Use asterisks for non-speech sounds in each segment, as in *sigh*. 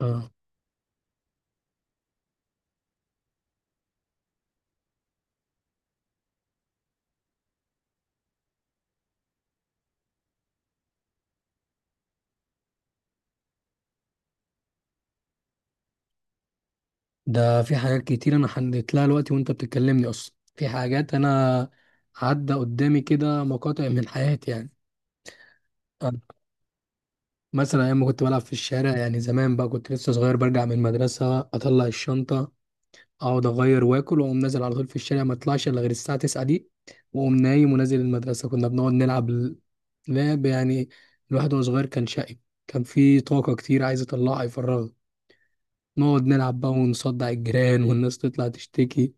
اه ده في حاجات كتير انا حليت لها دلوقتي وانت بتكلمني، اصلا في حاجات انا عدى قدامي كده مقاطع من حياتي يعني. آه، مثلا ايام ما كنت بلعب في الشارع يعني، زمان بقى كنت لسه صغير، برجع من المدرسه اطلع الشنطه اقعد اغير واكل واقوم نازل على طول في الشارع، ما اطلعش الا غير الساعه 9 دي، واقوم نايم ونازل المدرسه. كنا بنقعد نلعب لعب يعني. الواحد وهو صغير كان شقي، كان في طاقه كتير عايز يطلعها يفرغها، نقعد نلعب بقى ونصدع الجيران والناس تطلع تشتكي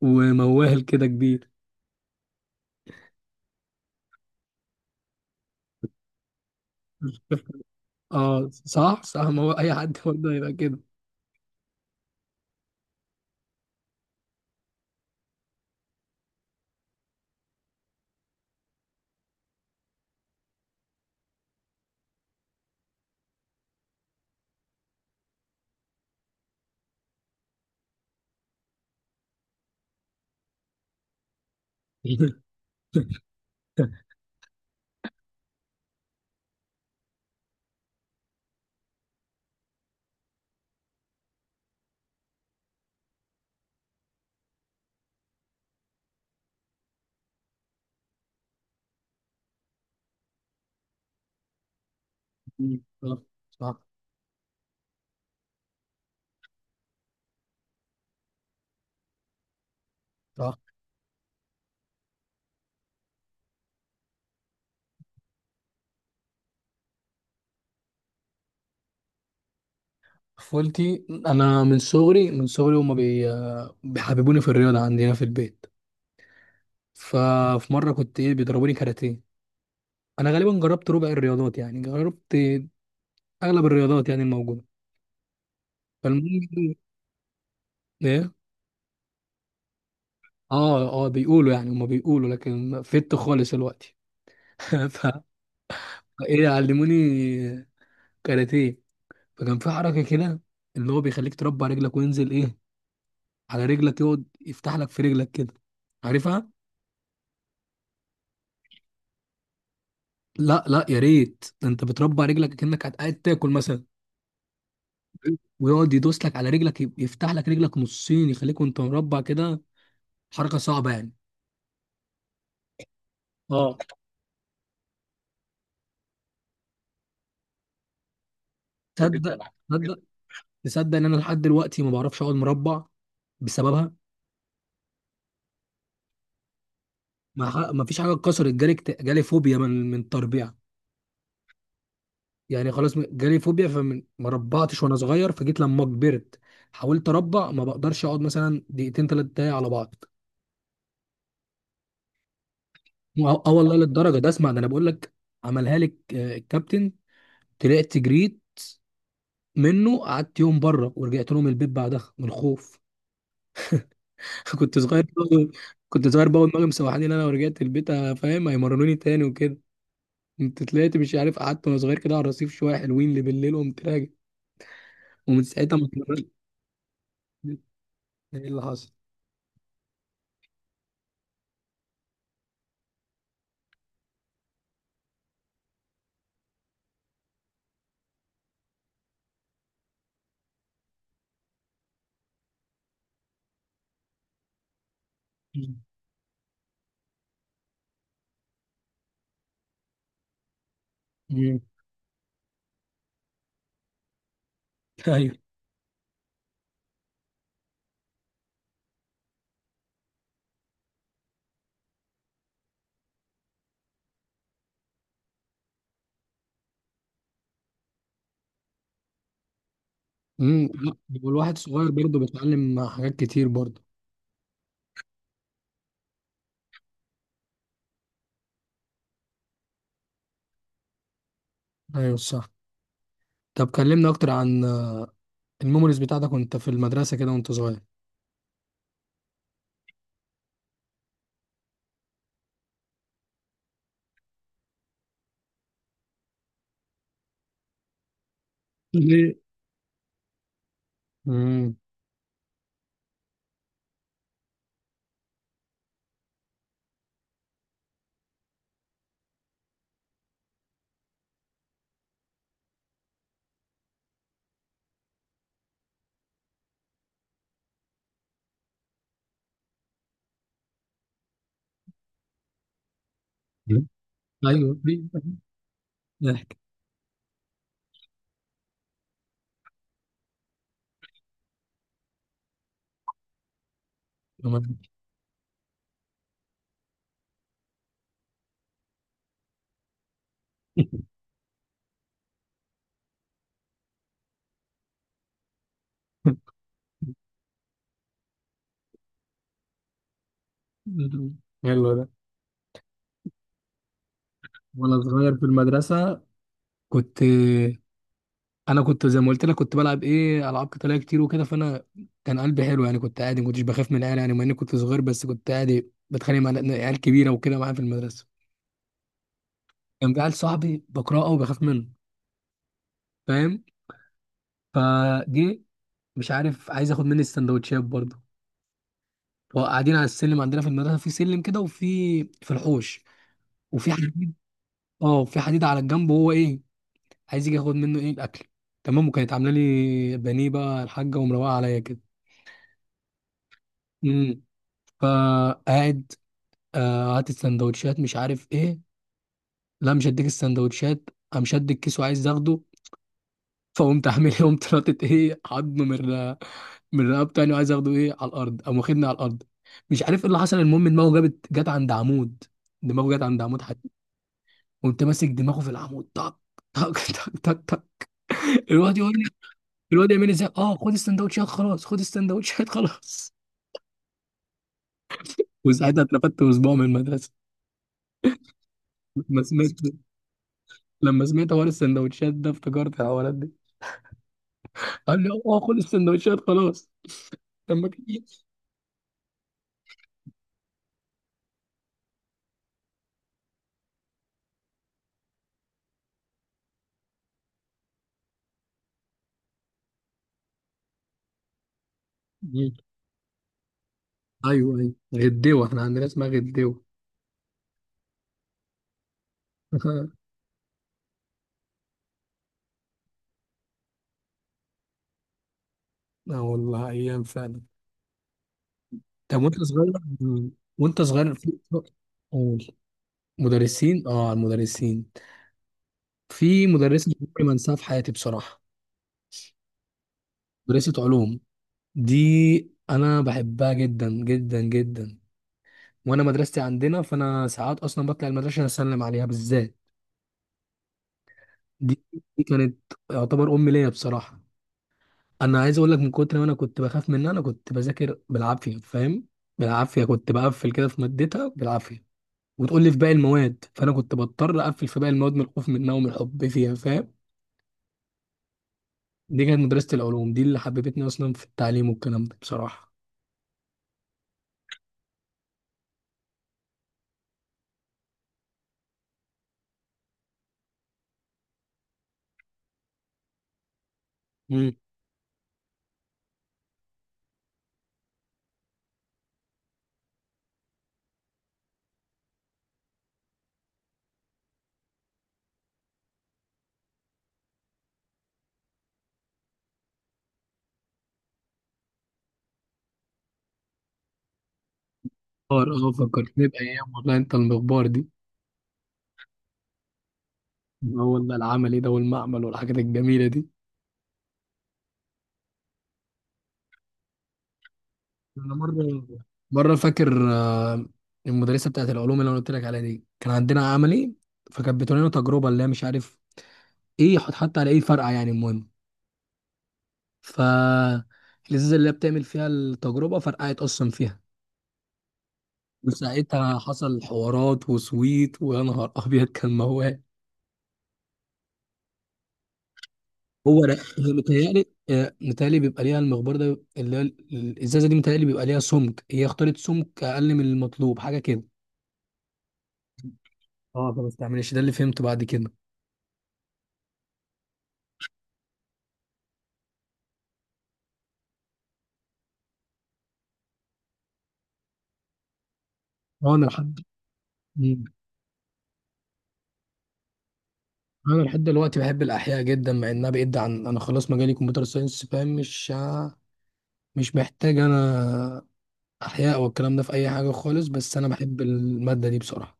ومواهل كده كبير. اه، صح صح، ما هو اي حد برضه هيبقى كده. *laughs* صح صح صح. طفولتي انا من صغري بيحببوني في الرياضه عندنا في البيت. ففي مره كنت ايه بيضربوني كاراتيه، انا غالبا جربت ربع الرياضات يعني، جربت اغلب الرياضات يعني الموجوده. فالمهم ايه؟ إيه؟ اه اه، بيقولوا يعني، هما بيقولوا، لكن فت خالص الوقت. *laughs* ف- فايه، علموني كاراتيه، فكان في حركه كده ان هو بيخليك تربع رجلك وينزل ايه على رجلك، يقعد يفتح لك في رجلك كده، عارفها؟ لا لا يا ريت، ده انت بتربع رجلك كأنك قاعد تاكل مثلا، ويقعد يدوس لك على رجلك يفتح لك رجلك نصين يخليك وانت مربع كده. حركه صعبه يعني. اه جدا. تصدق تصدق تصدق ان انا لحد دلوقتي ما بعرفش اقعد مربع بسببها. ما فيش حاجه اتكسرت، جالي جالي فوبيا من التربيع. يعني خلاص، جالي فوبيا، فما ربعتش وانا صغير، فجيت لما كبرت حاولت اربع ما بقدرش اقعد مثلا دقيقتين ثلاث دقايق على بعض. اه آه والله للدرجه ده اسمع ده انا بقول لك، عملها لك الكابتن، طلعت جريت منه، قعدت يوم بره ورجعت لهم البيت بعدها من الخوف. *laughs* كنت صغير بقى- كنت صغير بقى ودماغي مسوحاني ان انا لو رجعت البيت، فاهم، هيمرنوني تاني وكده. كنت طلعت مش عارف، قعدت وانا صغير كده على الرصيف شويه، حلوين اللي بالليل، وقمت راجع، ومن ساعتها ما اتمرنتش. ايه اللي حصل؟ مم. مم. *laughs* ايوه. لا، هو الواحد صغير برضه بيتعلم حاجات كتير برضه. ايوه صح. طب كلمنا اكتر عن الميموريز بتاعتك وانت في المدرسه كده وانت صغير. *laughs* ليه؟ امم ايوه ليه؟ ضحك. تمام. حلو ده. *laughs* وانا صغير في المدرسه كنت، انا كنت زي ما قلت لك كنت بلعب ايه العاب قتاليه كتير وكده، فانا كان قلبي حلو يعني، كنت عادي ما كنتش بخاف من العيال يعني، مع اني كنت صغير بس كنت عادي بتخانق مع عيال كبيره وكده معايا في المدرسه. كان في عيل صاحبي بكرهه وبخاف منه، فاهم؟ فجه مش عارف، عايز ياخد مني السندوتشات برضه، وقاعدين على السلم عندنا في المدرسه، في سلم كده وفي الحوش، وفي حديد. اه في حديد على الجنب، وهو ايه عايز يجي ياخد منه ايه الاكل، تمام؟ وكانت عامله لي بانيه بقى الحاجه، ومروقه عليا كده. امم فقاعد، هات السندوتشات، مش عارف ايه، لا مش هديك السندوتشات، قام شد الكيس وعايز اخده. فقمت عامل ايه، قمت ناطط ايه عضمه من رقبته تاني، وعايز اخده ايه على الارض، قام واخدني على الارض، مش عارف ايه اللي حصل، المهم دماغه جابت جت عند عمود، دماغه جت عند عمود حديد، قمت ماسك دماغه في العمود. طق طق *laughs* طق طق طق. الواد يقول لي، الواد يعمل ازاي، اه خد السندوتشات خلاص خد السندوتشات *laughs* خلاص. وساعتها اترفدت اسبوع من المدرسه. لما سمعت، لما سمعت حوار السندوتشات ده افتكرت الحوارات دي، قال لي اه خد السندوتشات خلاص. لما كان- ايوه ايوه، غديوه، احنا عندنا اسمها غديوه. *laughs* اه والله ايام فعلا. طب وانت صغير، وانت صغير في، قول. مدرسين؟ اه، على المدرسين، في مدرسة عمري ما انساها في حياتي بصراحة. مدرسة علوم دي، انا بحبها جدا جدا جدا، وانا مدرستي عندنا، فانا ساعات اصلا بطلع المدرسة اسلم عليها بالذات دي. دي كانت يعتبر امي ليا بصراحة. انا عايز اقول لك، من كتر ما انا كنت بخاف منها انا كنت بذاكر بالعافية، فاهم؟ بالعافية، كنت بقفل كده في مادتها بالعافية، وتقول لي في باقي المواد، فانا كنت بضطر اقفل في باقي المواد من الخوف منها ومن الحب فيها، فاهم؟ دي كانت مدرسه العلوم دي اللي حببتني اصلا في التعليم والكلام ده بصراحه. مم. اه فكرتني بايام والله. انت المخبار دي، هو والله العملي ده والمعمل والحاجات الجميله دي. انا مره، فاكر المدرسه بتاعت العلوم اللي انا قلت لك عليها دي، كان عندنا عملي، فكانت بتقول لنا تجربه اللي هي مش عارف ايه، حط حتى على ايه فرقع يعني، المهم، ف الازازه اللي هي بتعمل فيها التجربه فرقعت اصلا فيها، وساعتها حصل حوارات، وسويت، ويا نهار ابيض كان موال. هو لا، هي متهيألي متهيألي بيبقى ليها المخبار ده اللي هي الازازه دي، متهيألي بيبقى ليها سمك، هي اختارت سمك اقل من المطلوب حاجه كده. اه فما استعملش، ده اللي فهمته بعد كده. هو انا لحد مم. انا لحد دلوقتي بحب الاحياء جدا، مع انها بعيد عن، انا خلاص مجالي كمبيوتر ساينس فاهم، مش محتاج انا احياء والكلام ده في اي حاجه خالص، بس انا بحب الماده دي بصراحه.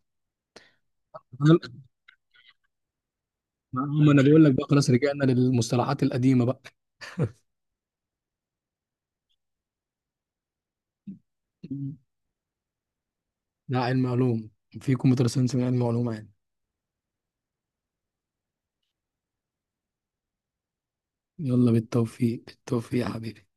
ما انا بقول لك بقى خلاص، رجعنا للمصطلحات القديمه بقى. ده علم علوم، في كمبيوتر ساينس من علم علوم يعني. يلا بالتوفيق، بالتوفيق يا حبيبي.